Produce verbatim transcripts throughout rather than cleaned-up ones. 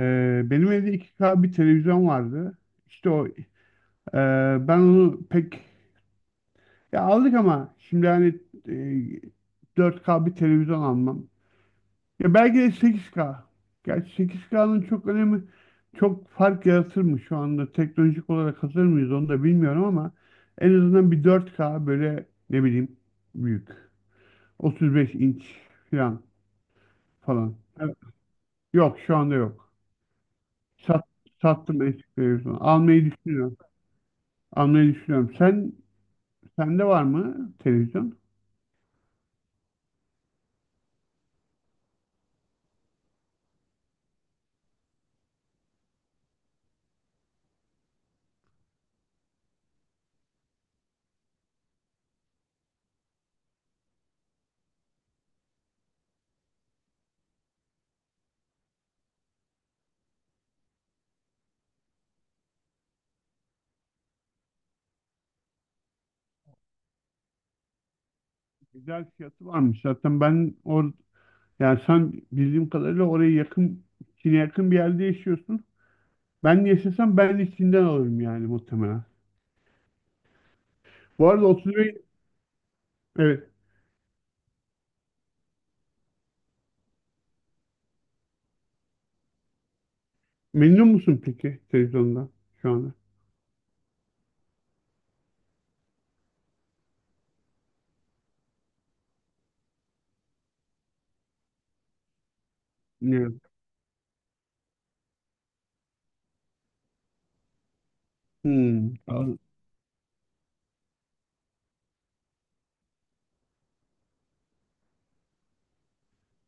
Ee, benim evde iki ka bir televizyon vardı. İşte o e, ben onu pek, ya aldık ama şimdi hani e, dört ka bir televizyon almam. Ya belki de sekiz ka. Gerçi sekiz ka'nın'nın çok önemi, çok fark yaratır mı, şu anda teknolojik olarak hazır mıyız onu da bilmiyorum ama en azından bir dört ka, böyle ne bileyim, büyük. otuz beş inç falan falan. Evet. Yok, şu anda yok. Sat, sattım eski televizyonu. Almayı düşünüyorum. Almayı düşünüyorum. Sen sende var mı televizyon? Güzel fiyatı varmış. Zaten ben or yani sen, bildiğim kadarıyla, oraya yakın, Çin'e yakın bir yerde yaşıyorsun. Ben yaşasam ben de Çin'den alırım yani muhtemelen. Bu arada otuz beş evet, memnun musun peki televizyondan şu anda? Evet. Hmm. Al-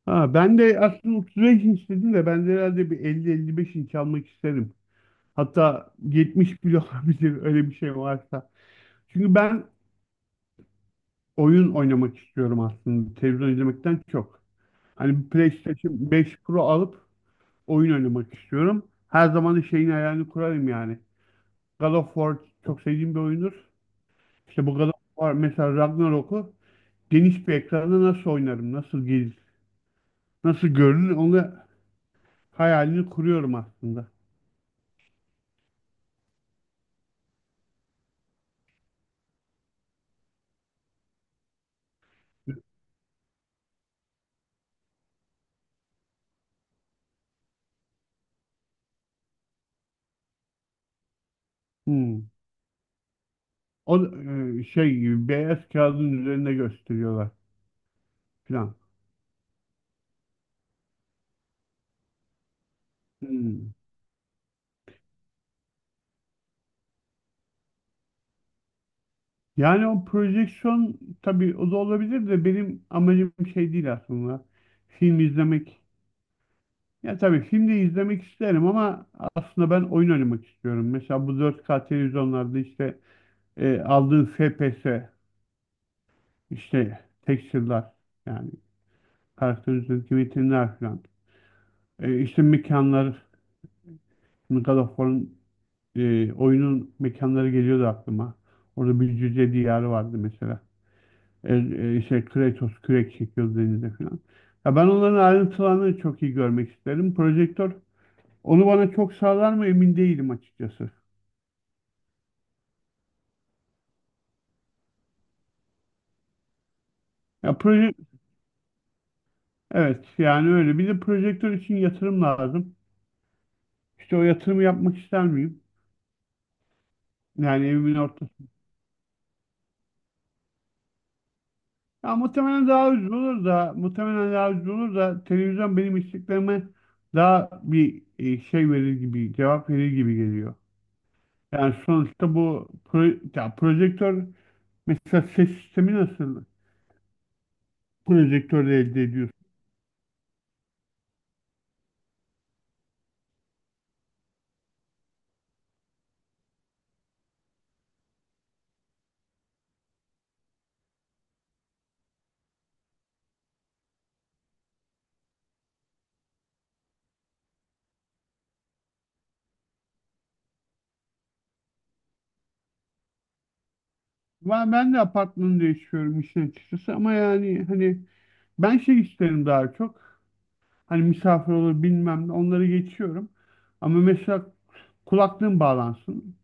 Ha, ben de aslında otuz beş inç dedim de ben de herhalde bir elli elli beş inç almak isterim. Hatta yetmiş bile olabilir, öyle bir şey varsa. Çünkü ben oyun oynamak istiyorum aslında, televizyon izlemekten çok. Hani PlayStation beş Pro alıp oyun oynamak istiyorum. Her zaman da şeyin hayalini kurarım yani. God of War çok sevdiğim bir oyundur. İşte bu God of War mesela, Ragnarok'u geniş bir ekranda nasıl oynarım, nasıl gelir, nasıl görünür, onu hayalini kuruyorum aslında. Hmm. O e, şey gibi, beyaz kağıdın üzerinde gösteriyorlar falan. Hmm. Yani o projeksiyon, tabii o da olabilir de, benim amacım şey değil aslında. Film izlemek. Ya tabii film de izlemek isterim ama aslında ben oyun oynamak istiyorum. Mesela bu dört ka televizyonlarda işte e, aldığın F P S, işte texture'lar, yani karakter üzerindeki metinler falan. E, işte mekanlar, God of War'ın e, oyunun mekanları geliyordu aklıma. Orada bir cüce diyarı vardı mesela. E, e, işte Kratos kürek çekiyor denize falan. Ya ben onların ayrıntılarını çok iyi görmek isterim. Projektör onu bana çok sağlar mı, emin değilim açıkçası. Ya proje evet, yani öyle. Bir de projektör için yatırım lazım. İşte o yatırımı yapmak ister miyim? Yani evimin ortası. Ya muhtemelen daha ucuz olur da muhtemelen daha ucuz olur da televizyon benim isteklerime daha bir e, şey verir gibi, cevap verir gibi geliyor. Yani sonuçta bu pro, ya projektör. Mesela ses sistemi nasıl projektörle elde ediyorsun? Ben, ben de apartmanı değiştiriyorum işin açıkçası ama yani hani, ben şey isterim daha çok. Hani misafir olur bilmem ne, onları geçiyorum. Ama mesela kulaklığım bağlansın.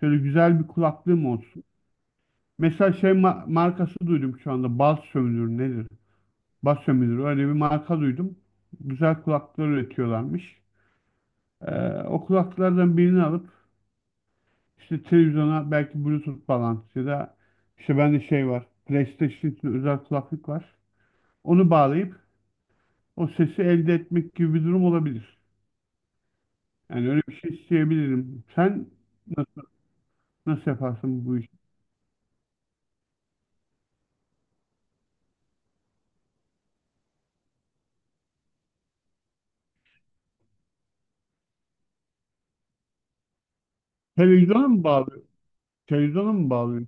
Şöyle güzel bir kulaklığım olsun. Mesela şey ma- markası duydum şu anda. Bas sömürür nedir? Bas sömürür, öyle bir marka duydum. Güzel kulaklıklar üretiyorlarmış. Ee, o kulaklıklardan birini alıp, İşte televizyona belki Bluetooth falan, ya da işte bende şey var, PlayStation için özel kulaklık var, onu bağlayıp o sesi elde etmek gibi bir durum olabilir. Yani öyle bir şey isteyebilirim. Sen na- nasıl yaparsın bu işi? Televizyona mı bağlıyor? Televizyona mı bağlıyor?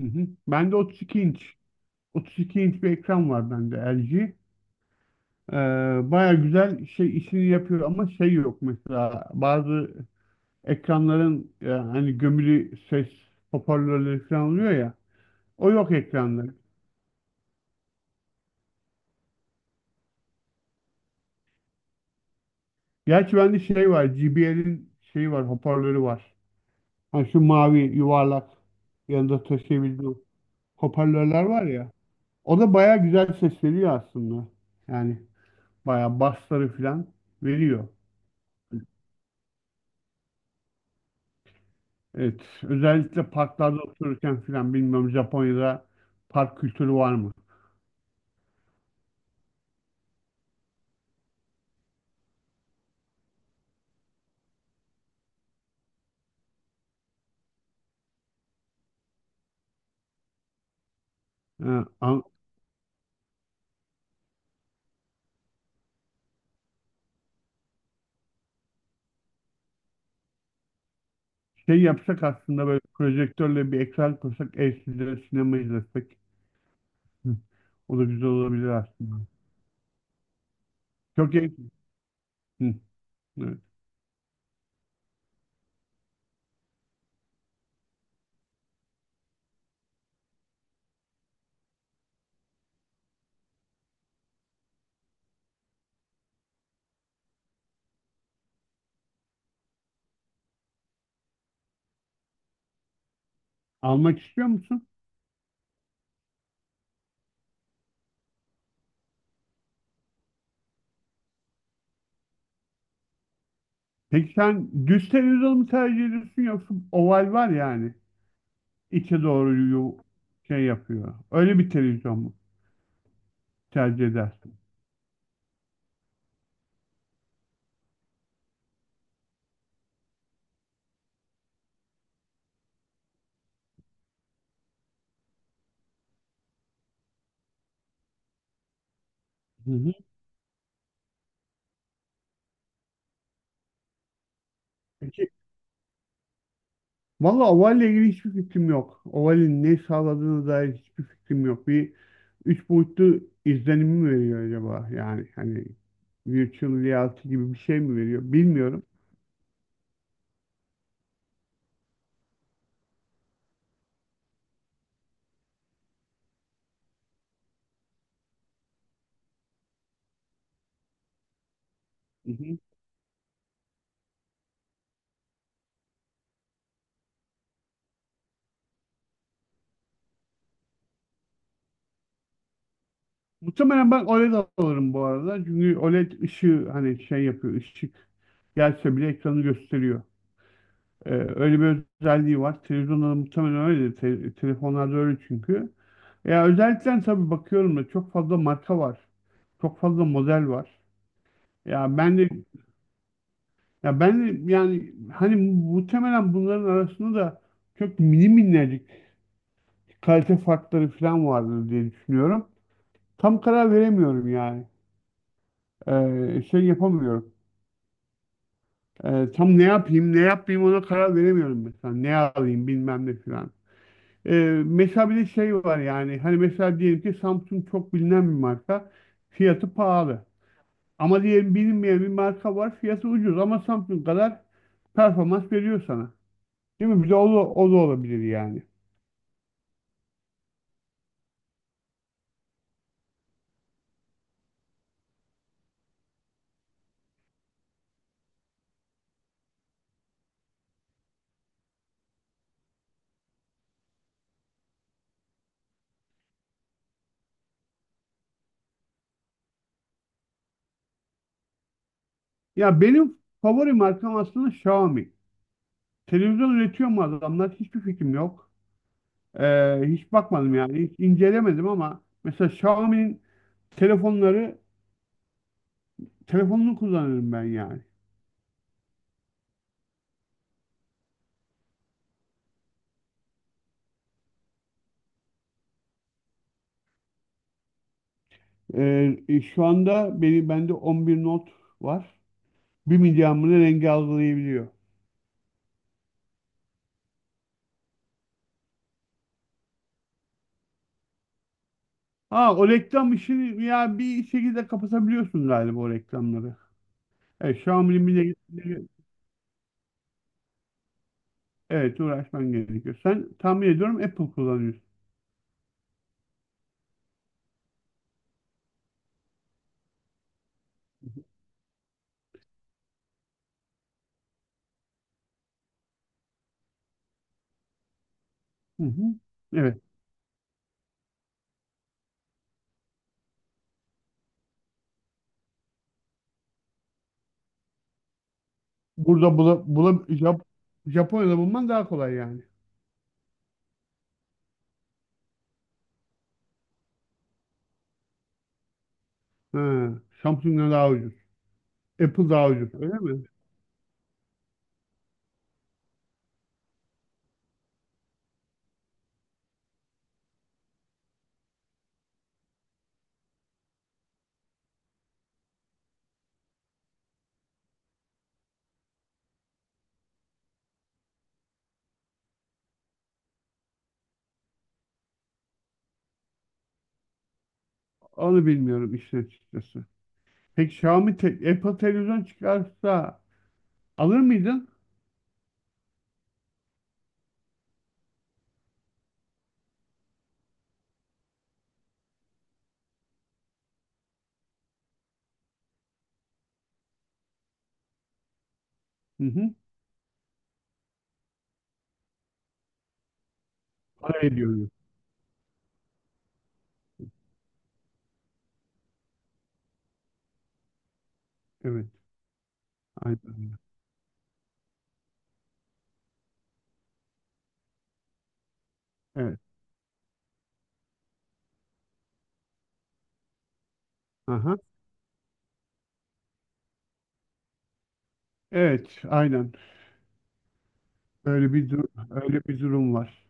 Hı hı. Bende otuz iki inç. otuz iki inç bir ekran var bende, L G. Ee, Baya güzel şey, işini yapıyor ama şey yok mesela, bazı ekranların e, hani gömülü ses hoparlörleri falan oluyor ya, o yok ekranda. Gerçi bende şey var, J B L'in şeyi var, hoparlörü var. Hani şu mavi yuvarlak, yanında taşıyabildiği hoparlörler var ya. O da baya güzel ses veriyor aslında. Yani baya bassları falan veriyor. Evet, özellikle parklarda otururken falan. Bilmiyorum, Japonya'da park kültürü var mı? Ha, an- şey yapsak aslında, böyle projektörle bir ekran kursak, evsizlere sinema izlesek. Hı. O da güzel olabilir aslında. Çok iyi. Hı, evet. Almak istiyor musun? Peki sen düz televizyon mu tercih ediyorsun, yoksa oval var yani, içe doğru yu- şey yapıyor, öyle bir televizyon mu tercih edersin? Hı hı. Valla Oval'le ilgili hiçbir fikrim yok. Oval'in ne sağladığına dair hiçbir fikrim yok. Bir üç boyutlu izlenim mi veriyor acaba? Yani hani virtual reality gibi bir şey mi veriyor bilmiyorum. Hı hı. Muhtemelen ben OLED alırım bu arada. Çünkü OLED ışığı hani şey yapıyor, ışık gelse bile ekranı gösteriyor. Ee, öyle bir özelliği var. Televizyonda da muhtemelen öyle. Te- telefonlarda öyle çünkü. Ya özellikle tabii bakıyorum da, çok fazla marka var. Çok fazla model var. Ya ben de Ya ben yani hani, muhtemelen bunların arasında da çok mini minnacık kalite farkları falan vardır diye düşünüyorum. Tam karar veremiyorum yani. Ee, şey yapamıyorum. Ee, tam ne yapayım, ne yapmayayım, ona karar veremiyorum mesela. Ne alayım bilmem ne falan. Ee, mesela bir de şey var yani. Hani mesela diyelim ki Samsung çok bilinen bir marka. Fiyatı pahalı. Ama diyelim bilinmeyen bir marka var. Fiyatı ucuz ama Samsung kadar performans veriyor sana. Değil mi? Bir de o, da- o da olabilir yani. Ya benim favori markam aslında Xiaomi. Televizyon üretiyor mu adamlar? Hiçbir fikrim yok. Ee, hiç bakmadım yani. Hiç incelemedim ama mesela Xiaomi'nin telefonları telefonunu kullanırım ben yani. Ee, e, şu anda beni bende on bir Note var. bir milyamını rengi algılayabiliyor. Ha, o reklam işini ya bir şekilde kapatabiliyorsun galiba, o reklamları. Evet, Xiaomi'nin bir evet, uğraşman gerekiyor. Sen, tahmin ediyorum, Apple kullanıyorsun. Hı hı. Evet. Burada bula, bula, Jap- Japonya'da bulman daha kolay yani. Ha, Samsung'dan daha ucuz. Apple daha ucuz. Öyle mi? Onu bilmiyorum işin açıkçası. Peki Xiaomi te- Apple televizyon çıkarsa alır mıydın? Hı hı. Para ediyordu. Evet. Aynen, öyle. Evet. Aha. Evet. Aynen. Öyle bir dur öyle bir durum var.